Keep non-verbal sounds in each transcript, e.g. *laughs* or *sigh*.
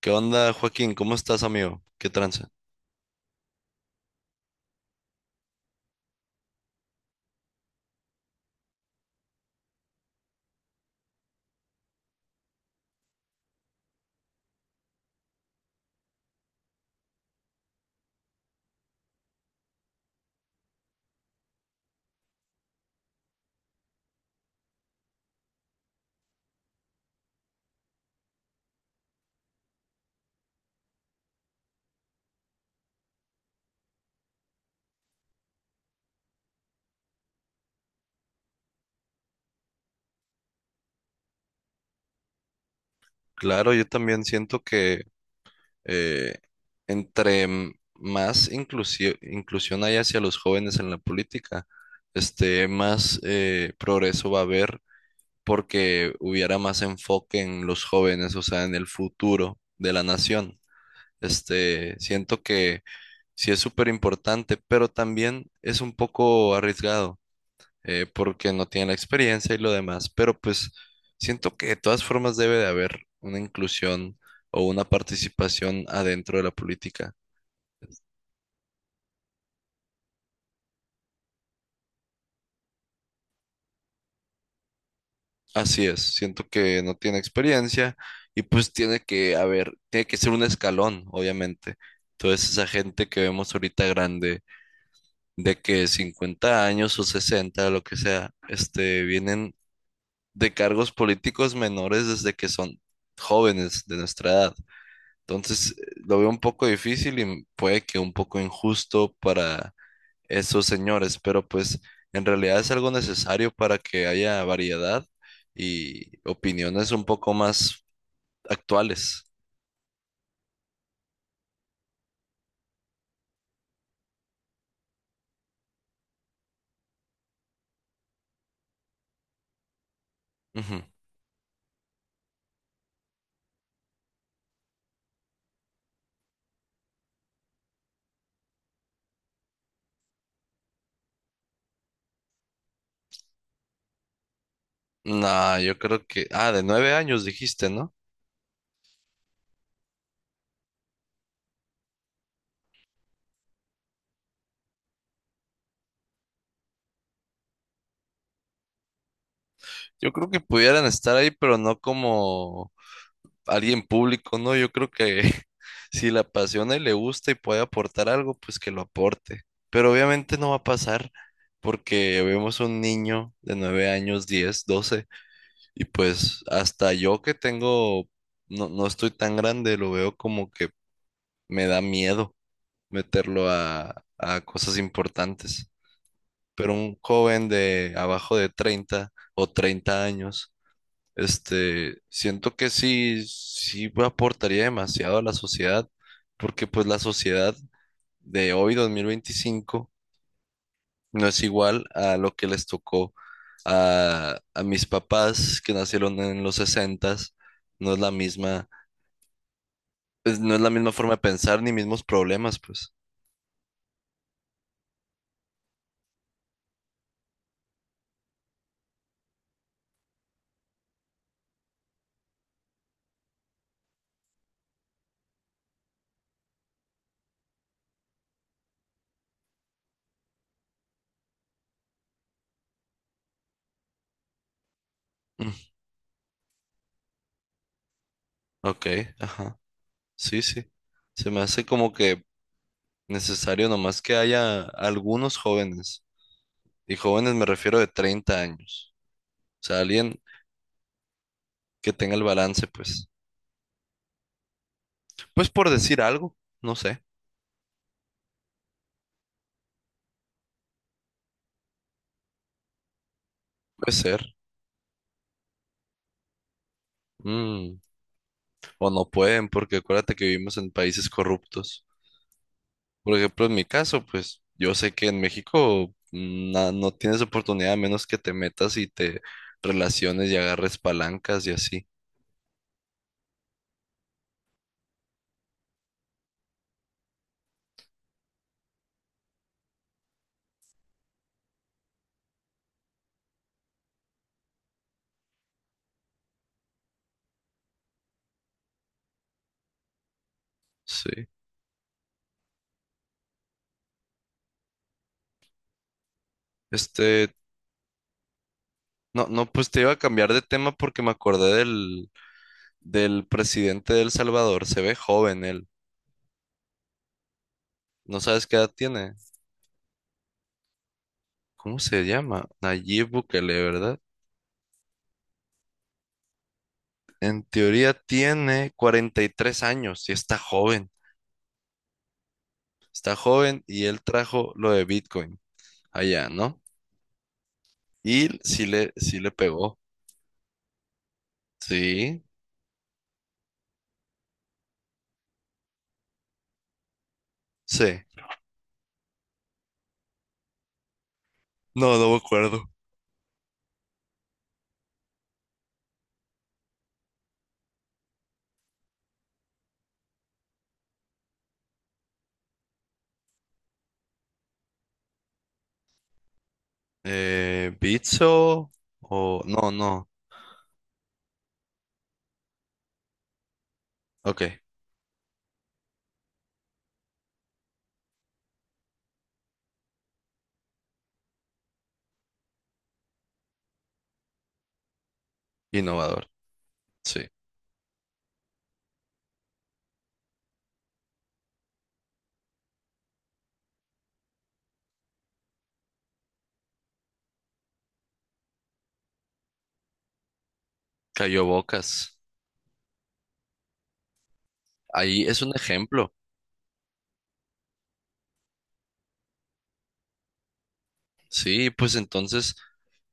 ¿Qué onda, Joaquín? ¿Cómo estás, amigo? ¿Qué tranza? Claro, yo también siento que eh, entre más inclusión hay hacia los jóvenes en la política, este, más progreso va a haber porque hubiera más enfoque en los jóvenes, o sea, en el futuro de la nación. Este, siento que sí es súper importante, pero también es un poco arriesgado. Porque no tienen la experiencia y lo demás, pero pues siento que de todas formas debe de haber una inclusión o una participación adentro de la política. Así es, siento que no tiene experiencia y pues tiene que haber, tiene que ser un escalón, obviamente. Entonces esa gente que vemos ahorita grande, de que 50 años o 60, lo que sea, este, vienen de cargos políticos menores desde que son jóvenes de nuestra edad. Entonces, lo veo un poco difícil y puede que un poco injusto para esos señores, pero pues en realidad es algo necesario para que haya variedad y opiniones un poco más actuales. Ujú. No, yo creo que, ah, de 9 años dijiste, ¿no? Yo creo que pudieran estar ahí, pero no como alguien público, ¿no? Yo creo que *laughs* si le apasiona y le gusta y puede aportar algo, pues que lo aporte. Pero obviamente no va a pasar porque vemos un niño de 9 años, 10 12 y pues hasta yo que tengo, no, no estoy tan grande, lo veo como que me da miedo meterlo a cosas importantes. Pero un joven de abajo de 30 o 30 años este, siento que sí, sí aportaría demasiado a la sociedad, porque pues la sociedad de hoy, 2025, no es igual a lo que les tocó a mis papás que nacieron en los sesentas, no es la misma, pues, no es la misma forma de pensar ni mismos problemas, pues. Mm, ok, ajá, sí, sí. Se me hace como que necesario nomás que haya algunos jóvenes, y jóvenes me refiero de 30 años. O sea, alguien que tenga el balance, pues. Pues por decir algo, no sé, puede ser. Mm. O no pueden, porque acuérdate que vivimos en países corruptos. Por ejemplo, en mi caso, pues yo sé que en México no tienes oportunidad a menos que te metas y te relaciones y agarres palancas y así. Sí. Este, no, no, pues te iba a cambiar de tema porque me acordé del presidente de El Salvador. Se ve joven él. ¿No sabes qué edad tiene? ¿Cómo se llama? Nayib Bukele, ¿verdad? En teoría tiene 43 años y está joven. Está joven y él trajo lo de Bitcoin allá, ¿no? Y sí le pegó. Sí, sí. No, no me acuerdo. Bitso o... No, no. Ok, innovador. Sí. Cayó bocas. Ahí es un ejemplo. Sí, pues entonces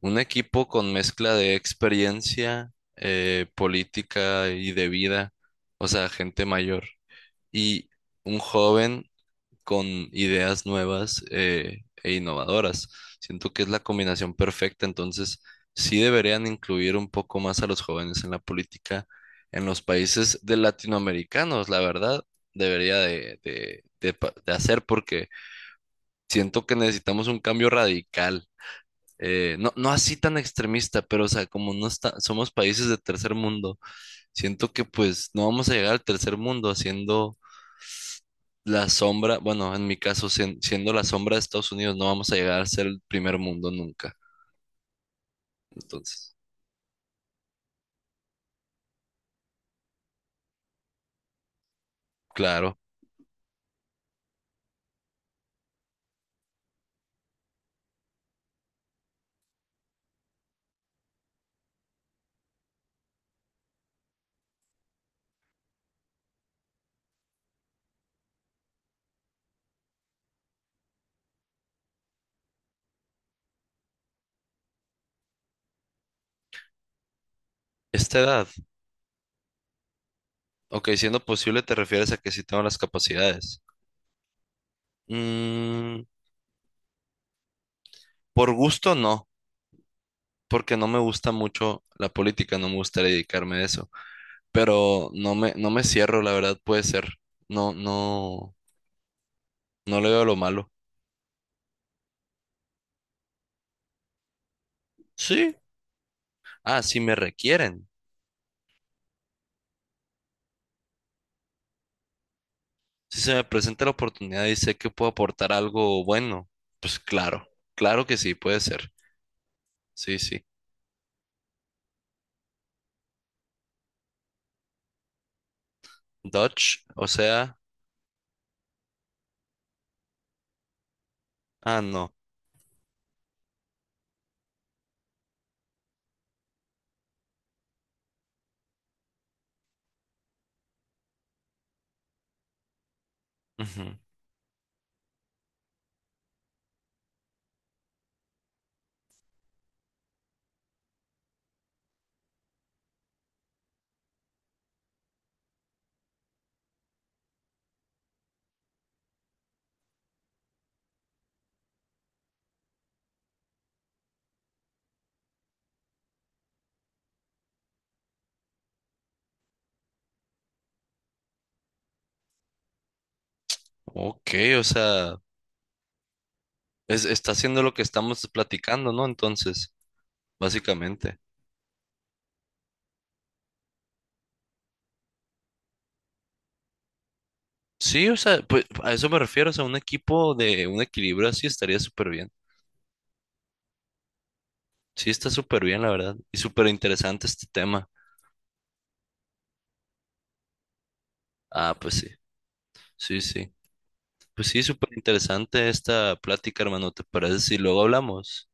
un equipo con mezcla de experiencia política y de vida, o sea, gente mayor. Y un joven con ideas nuevas e innovadoras. Siento que es la combinación perfecta, entonces sí deberían incluir un poco más a los jóvenes en la política en los países de latinoamericanos, la verdad, debería de hacer porque siento que necesitamos un cambio radical. No, no así tan extremista, pero o sea, como no está, somos países de tercer mundo, siento que pues no vamos a llegar al tercer mundo haciendo la sombra, bueno, en mi caso, siendo la sombra de Estados Unidos, no vamos a llegar a ser el primer mundo nunca. Entonces, claro, esta edad, ok, siendo posible, te refieres a que sí tengo las capacidades. Mm, por gusto no, porque no me gusta mucho la política, no me gustaría dedicarme a eso, pero no me, no me cierro, la verdad, puede ser. No, no, no le veo lo malo. Sí. Ah, si me requieren. Si se me presenta la oportunidad y sé que puedo aportar algo bueno, pues claro, claro que sí, puede ser. Sí, sí. Dodge, o sea, ah, no. Ujú. Ok, o sea, está haciendo lo que estamos platicando, ¿no? Entonces, básicamente. Sí, o sea, pues a eso me refiero, o sea, un equipo de un equilibrio así estaría súper bien. Sí, está súper bien, la verdad. Y súper interesante este tema. Ah, pues sí, sí, sí. Pues sí, súper interesante esta plática, hermano. ¿Te parece si luego hablamos?